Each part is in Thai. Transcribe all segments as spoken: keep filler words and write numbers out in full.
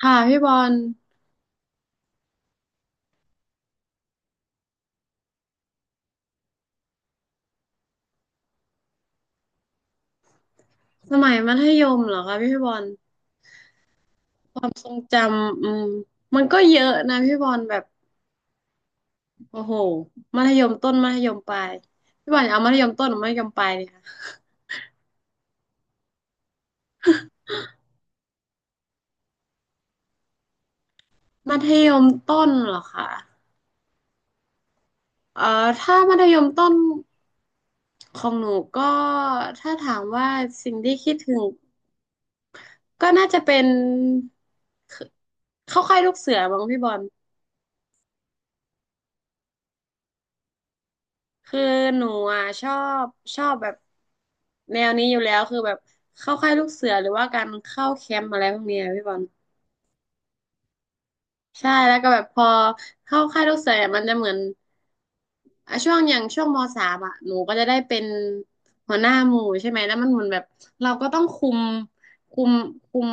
ค่ะพี่บอลสมัยมัธยมเหรอคะพี่บอลความทรงจำอืมมันก็เยอะนะพี่บอลแบบโอ้โหมัธยมต้นมัธยมปลายพี่บอลเอามัธยมต้นหรือมัธยมปลายดีคะมัธยมต้นเหรอคะเอ่อถ้ามัธยมต้นของหนูก็ถ้าถามว่าสิ่งที่คิดถึงก็น่าจะเป็นเข้าค่ายลูกเสือบ้างพี่บอล คือหนูอ่ะชอบชอบแบบแนวนี้อยู่แล้วคือแบบเข้าค่ายลูกเสือหรือว่าการเข้าแคมป์อะไรพวกเนี้ยพี่บอลใช่แล้วก็แบบพอเข้าค่ายลูกเสืออะมันจะเหมือน อ่ะช่วงอย่างช่วงมสามอ่ะหนูก็จะได้เป็นหัวหน้าหมู่ใช่ไหมแล้วมันเหมือนแบบเราก็ต้องคุมคุมคุม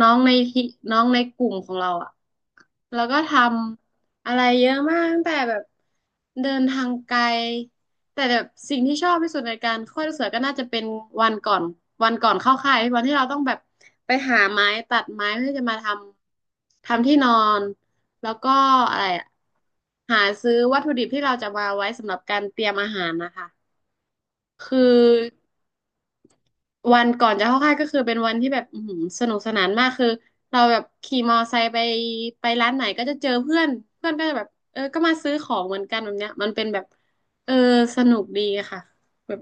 น้องในที่น้องในกลุ่มของเราอ่ะแล้วก็ทำอะไรเยอะมากตั้งแต่แบบเดินทางไกลแต่แบบสิ่งที่ชอบที่สุดในการค่อยลูกเสือก็น่าจะเป็นวันก่อนวันก่อนเข้าค่ายวันที่เราต้องแบบไปหาไม้ตัดไม้เพื่อจะมาทำทำที่นอน แล้วก็อะไรอะหาซื้อวัตถุดิบที่เราจะมาไว้สำหรับการเตรียมอาหารนะคะคือวันก่อนจะเข้าค่ายก็คือเป็นวันที่แบบอื้อหือสนุกสนานมากคือเราแบบขี่มอไซค์ไปไปร้านไหนก็จะเจอเพื่อนเพื่อนก็จะแบบเออก็มาซื้อของเหมือนกันแบบเนี้ยมันเป็นแบบเออสนุกดีอะค่ะแบบ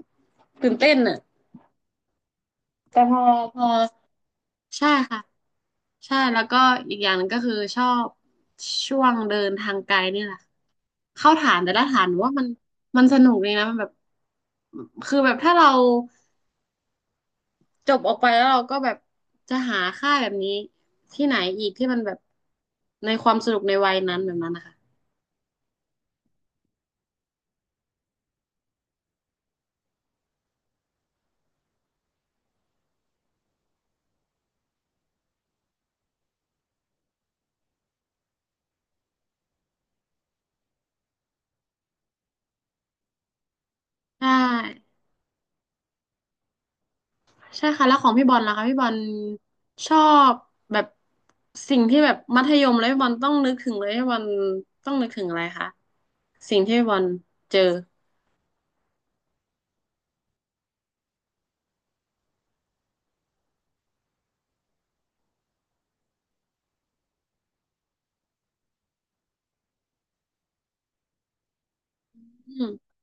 ตื่นเต้นอะแต่พอพอ ใช่ค่ะใช่แล้วก็อีกอย่างหนึ่งก็คือชอบช่วงเดินทางไกลเนี่ยแหละค่ะเข้าฐานแต่ละฐานหนูว่ามันมันสนุกเลยนะมันแบบคือแบบถ้าเราจบออกไปแล้วเราก็แบบจะหาค่ายแบบนี้ที่ไหนอีกที่มันแบบในความสนุกในวัยนั้นแบบนั้นนะคะใช่ ใช่ค่ะแล้วของพี่บอลล่ะคะพี่บอลชอบแบบสิ่งที่แบบมัธยมแล้วพี่บอลต้องนึกถึงเลยพี่บอลต้องนึกถึงอะไรคะสิ่งที่พี่บอลเจออืม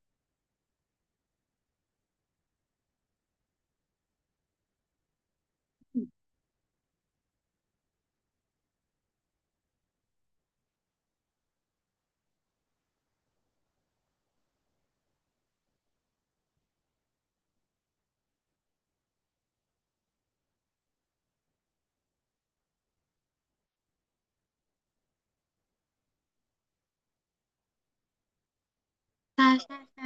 ใช่ใช่ใช่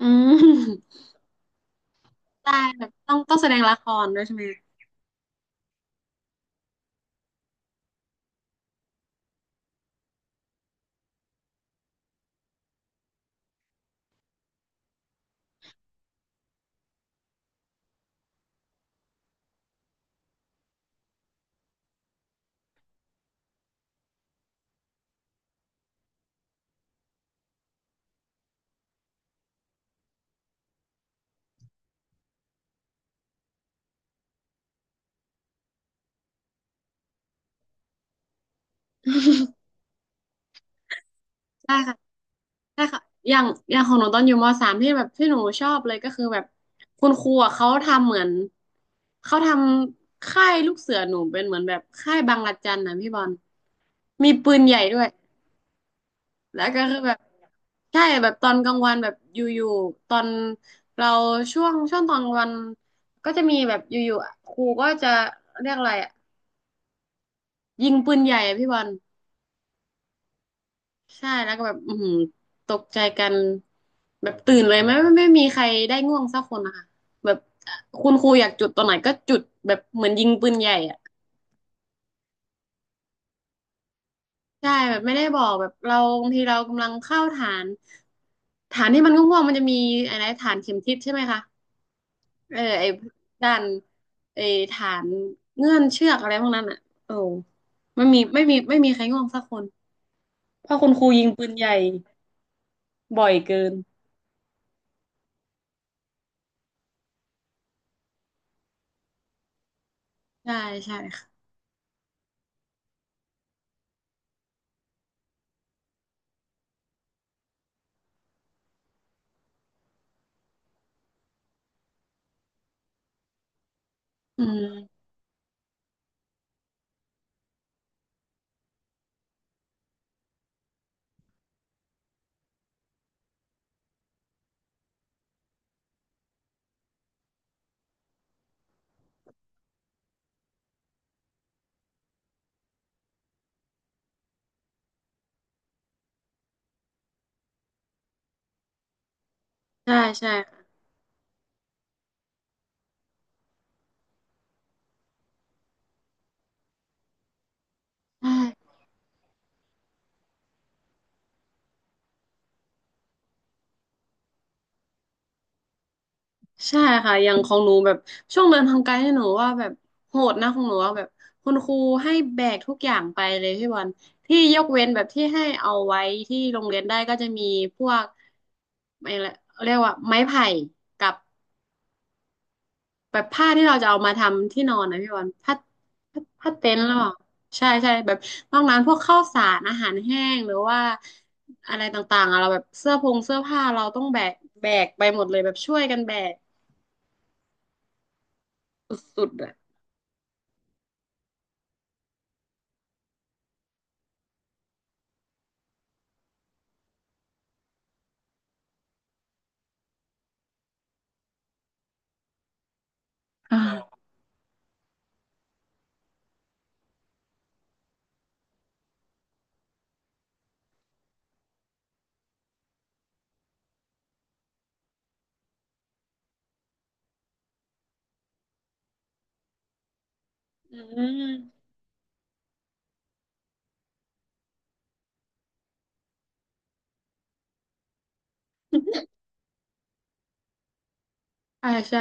อืมได้แบบต้องต้องแสดงละครด้วยใช่ไหมใช่ค่ะใช่ค่ะอย่างอย่างของหนูตอนอยู่มสามที่แบบที่หนูชอบเลยก็คือแบบคุณครูอะเขาทำเหมือนเขาทำค่ายลูกเสือหนูเป็นเหมือนแบบค่ายบังระจันนะพี่บอลมีปืนใหญ่ด้วย แล้วก็คือแบบใช่แบบตอนกลางวันแบบอยู่ๆตอนเราช่วงช่วงตอนกลางวันก็จะมีแบบอยู่ๆครูก็จะเรียกอะไรอ่ะยิงปืนใหญ่อะพี่บอลใช่แล้วก็แบบอือหือตกใจกันแบบตื่นเลยไม่ไม่ไม่มีใครได้ง่วงสักคนนะคะแบบคุณครูอยากจุดตอนไหนก็จุดแบบเหมือนยิงปืนใหญ่อ่ะใช่แบบไม่ได้บอกแบบเราบางทีเรากำลังเข้าฐานฐานที่มันง่วงๆมันจะมีอะไรฐานเข็มทิศใช่ไหมคะ เออไอ้ด้านไอ้ฐานเงื่อนเชือกอะไรพวกนั้นอ่ะโอ้ไม่มีไม่มีไม่มีใครง่วงสักคนเพราะคุณครูยิงปืนใหญ่บ่อยเกินใช่ใช่ค่ะอืมใช่ใช่ใช่ใช่ค่ะอย่างของหนูแบบช่วงเดินทางไกลเนี่ยหนูว่าแบบโหดนะของหนูว่าแบบคุณครูให้แบกทุกอย่างไปเลยพี่บอลที่ยกเว้นแบบที่ให้เอาไว้ที่โรงเรียนได้ก็จะมีพวกอะไรเรียกว่าไม้ไผ่กับ แบบผ้าที่เราจะเอามาทำที่นอนนะพี่วันผ้าผ้าผ้าเต็นท์หรอใช่ใช่แบบนอกนั้นพวกข้าวสารอาหารแห้งหรือว่าอะไรต่างๆอะเราแบบเสื้อพงเสื้อผ้าเราต้องแบกแบกไปหมดเลยแบบช่วยกันแบกสุดๆอะอ่าอืมใช่ใช่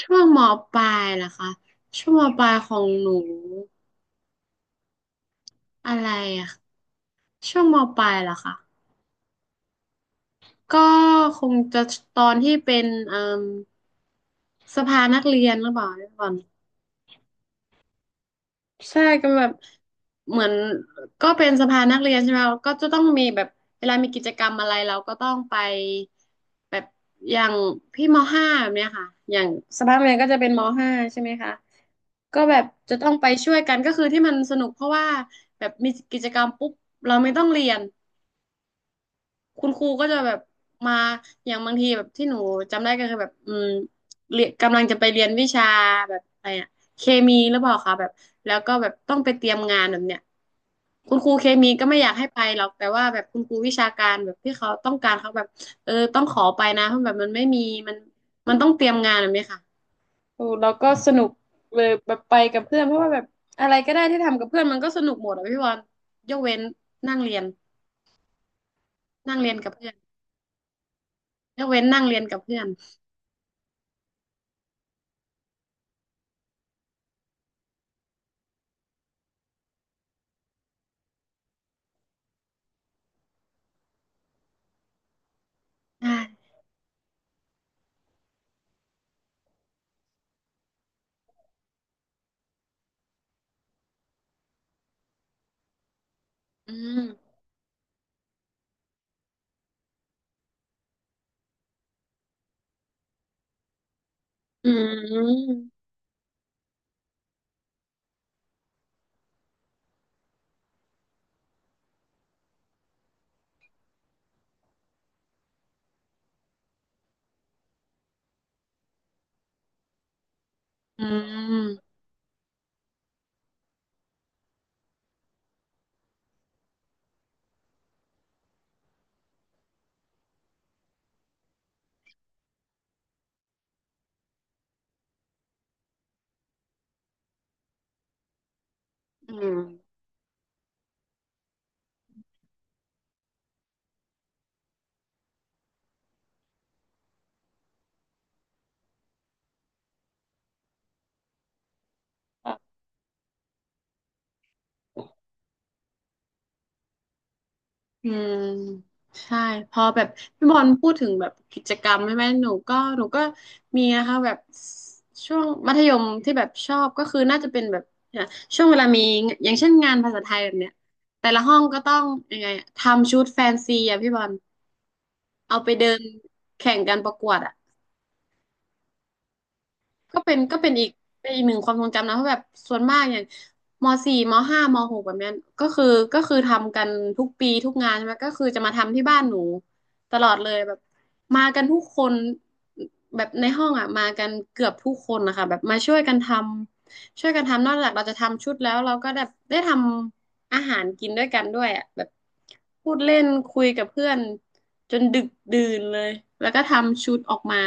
ช่วงมปลายล่ะคะช่วงมปลายของหนูอะไรอะช่วงมปลายล่ะคะก็คงจะตอนที่เป็นเอ่มสภานักเรียนหรือเปล่าก่อน ใช่ก็แบบเหมือนก็เป็นสภานักเรียนใช่ไหมก็จะต้องมีแบบเวลามีกิจกรรมอะไรเราก็ต้องไปแบบอย่างพี่มห้าแบบเนี้ยค่ะอย่างสภานักเรียนก็จะเป็นมห้าใช่ไหมคะก็แบบจะต้องไปช่วยกันก็คือที่มันสนุกเพราะว่าแบบมีกิจกรรมปุ๊บเราไม่ต้องเรียน คุณครูก็จะแบบมาอย่างบางทีแบบที่หนูจำได้ก็คือแบบอืมเรียนกำลังจะไปเรียนวิชาแบบอะไรอะเคมีหรือเปล่าคะแบบแล้วก็แบบต้องไปเตรียมงานแบบเนี้ยคุณครูเคมีก็ไม่อยากให้ไปหรอกแต่ว่าแบบคุณครูวิชาการแบบที่เขาต้องการเขาแบบเออต้องขอไปนะเพราะแบบมันไม่มีมันมันต้องเตรียมงานแบบนี้ค่ะโอ้เราก็สนุกเลยแบบไปกับเพื่อนเพราะว่าแบบอะไรก็ได้ที่ทำกับเพื่อนมันก็สนุกหมดอะพี่บอลยกเว้นนั่งเรียนนั่งเรียนกับเพื่อน ยกเว้นนั่งเรียนกับเพื่อนอ่อืมอืมอืมอืมอืมใช่พอแบบพี่บอลพูดถึงแบบกิจกรรมใช่ไหมหนูก็หนูก็มีนะคะแบบช่วงมัธยมที่แบบชอบก็คือน่าจะเป็นแบบเนี่ยช่วงเวลามีอย่างเช่นงานภาษาไทยแบบเนี้ยแต่ละห้องก็ต้องยังไงอะทำชุดแฟนซีอะพี่บอลเอาไปเดินแข่งกันประกวดอะ ก็เป็นก็เป็นอีกเป็นอีกหนึ่งความทรงจำนะเพราะแบบส่วนมากอย่างมสี่มห้ามหกแบบเนี้ยก็คือก็คือทำกันทุกปีทุกงานใช่ไหมก็คือจะมาทำที่บ้านหนูตลอดเลยแบบมากันทุกคนแบบในห้องอ่ะมากันเกือบทุกคนนะคะแบบมาช่วยกันทำช่วยกันทำนอกจากเราจะทำชุดแล้วเราก็ได้ได้ทำอาหารกินด้วยกันด้วยอ่ะแบบพูดเล่นคุยกับเพื่อนจนดึกดื่นเลยแล้วก็ทำชุดออกมา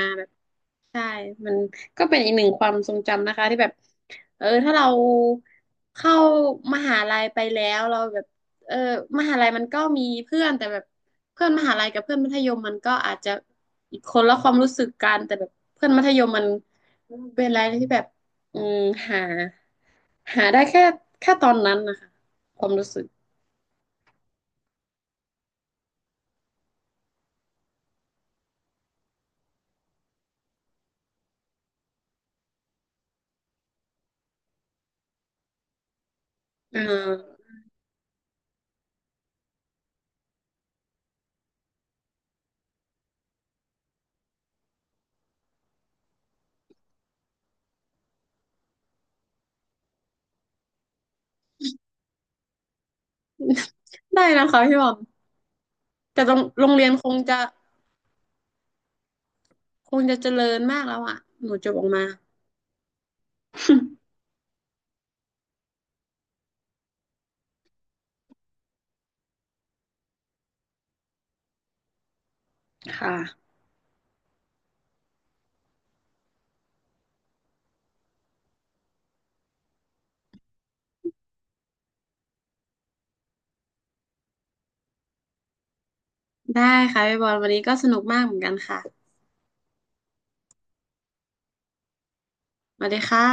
ใช่มันก็เป็นอีกหนึ่งความทรงจำนะคะที่แบบเออถ้าเราเข้ามหาลัยไปแล้วเราแบบเออมหาลัยมันก็มีเพื่อนแต่แบบเพื่อนมหาลัยกับเพื่อนมัธยมมันก็อาจจะอีกคนละความรู้สึกกันแต่แบบเพื่อนมัธยมมันเป็นอะไรที่แบบอืมหาหาได้แค่แค่ตอนนั้นนะคะความรู้สึกอ่าได้นะคะพี่บอมแต่โรงโรงเรียนคงจะคงจะเจริญมากแล้วอ่ะหนูจบออกมาค่ะ ได้ค่ะพี่บอลวันนี้ก็สนุกมากเหมือนกันค่ะมาเลยค่ะ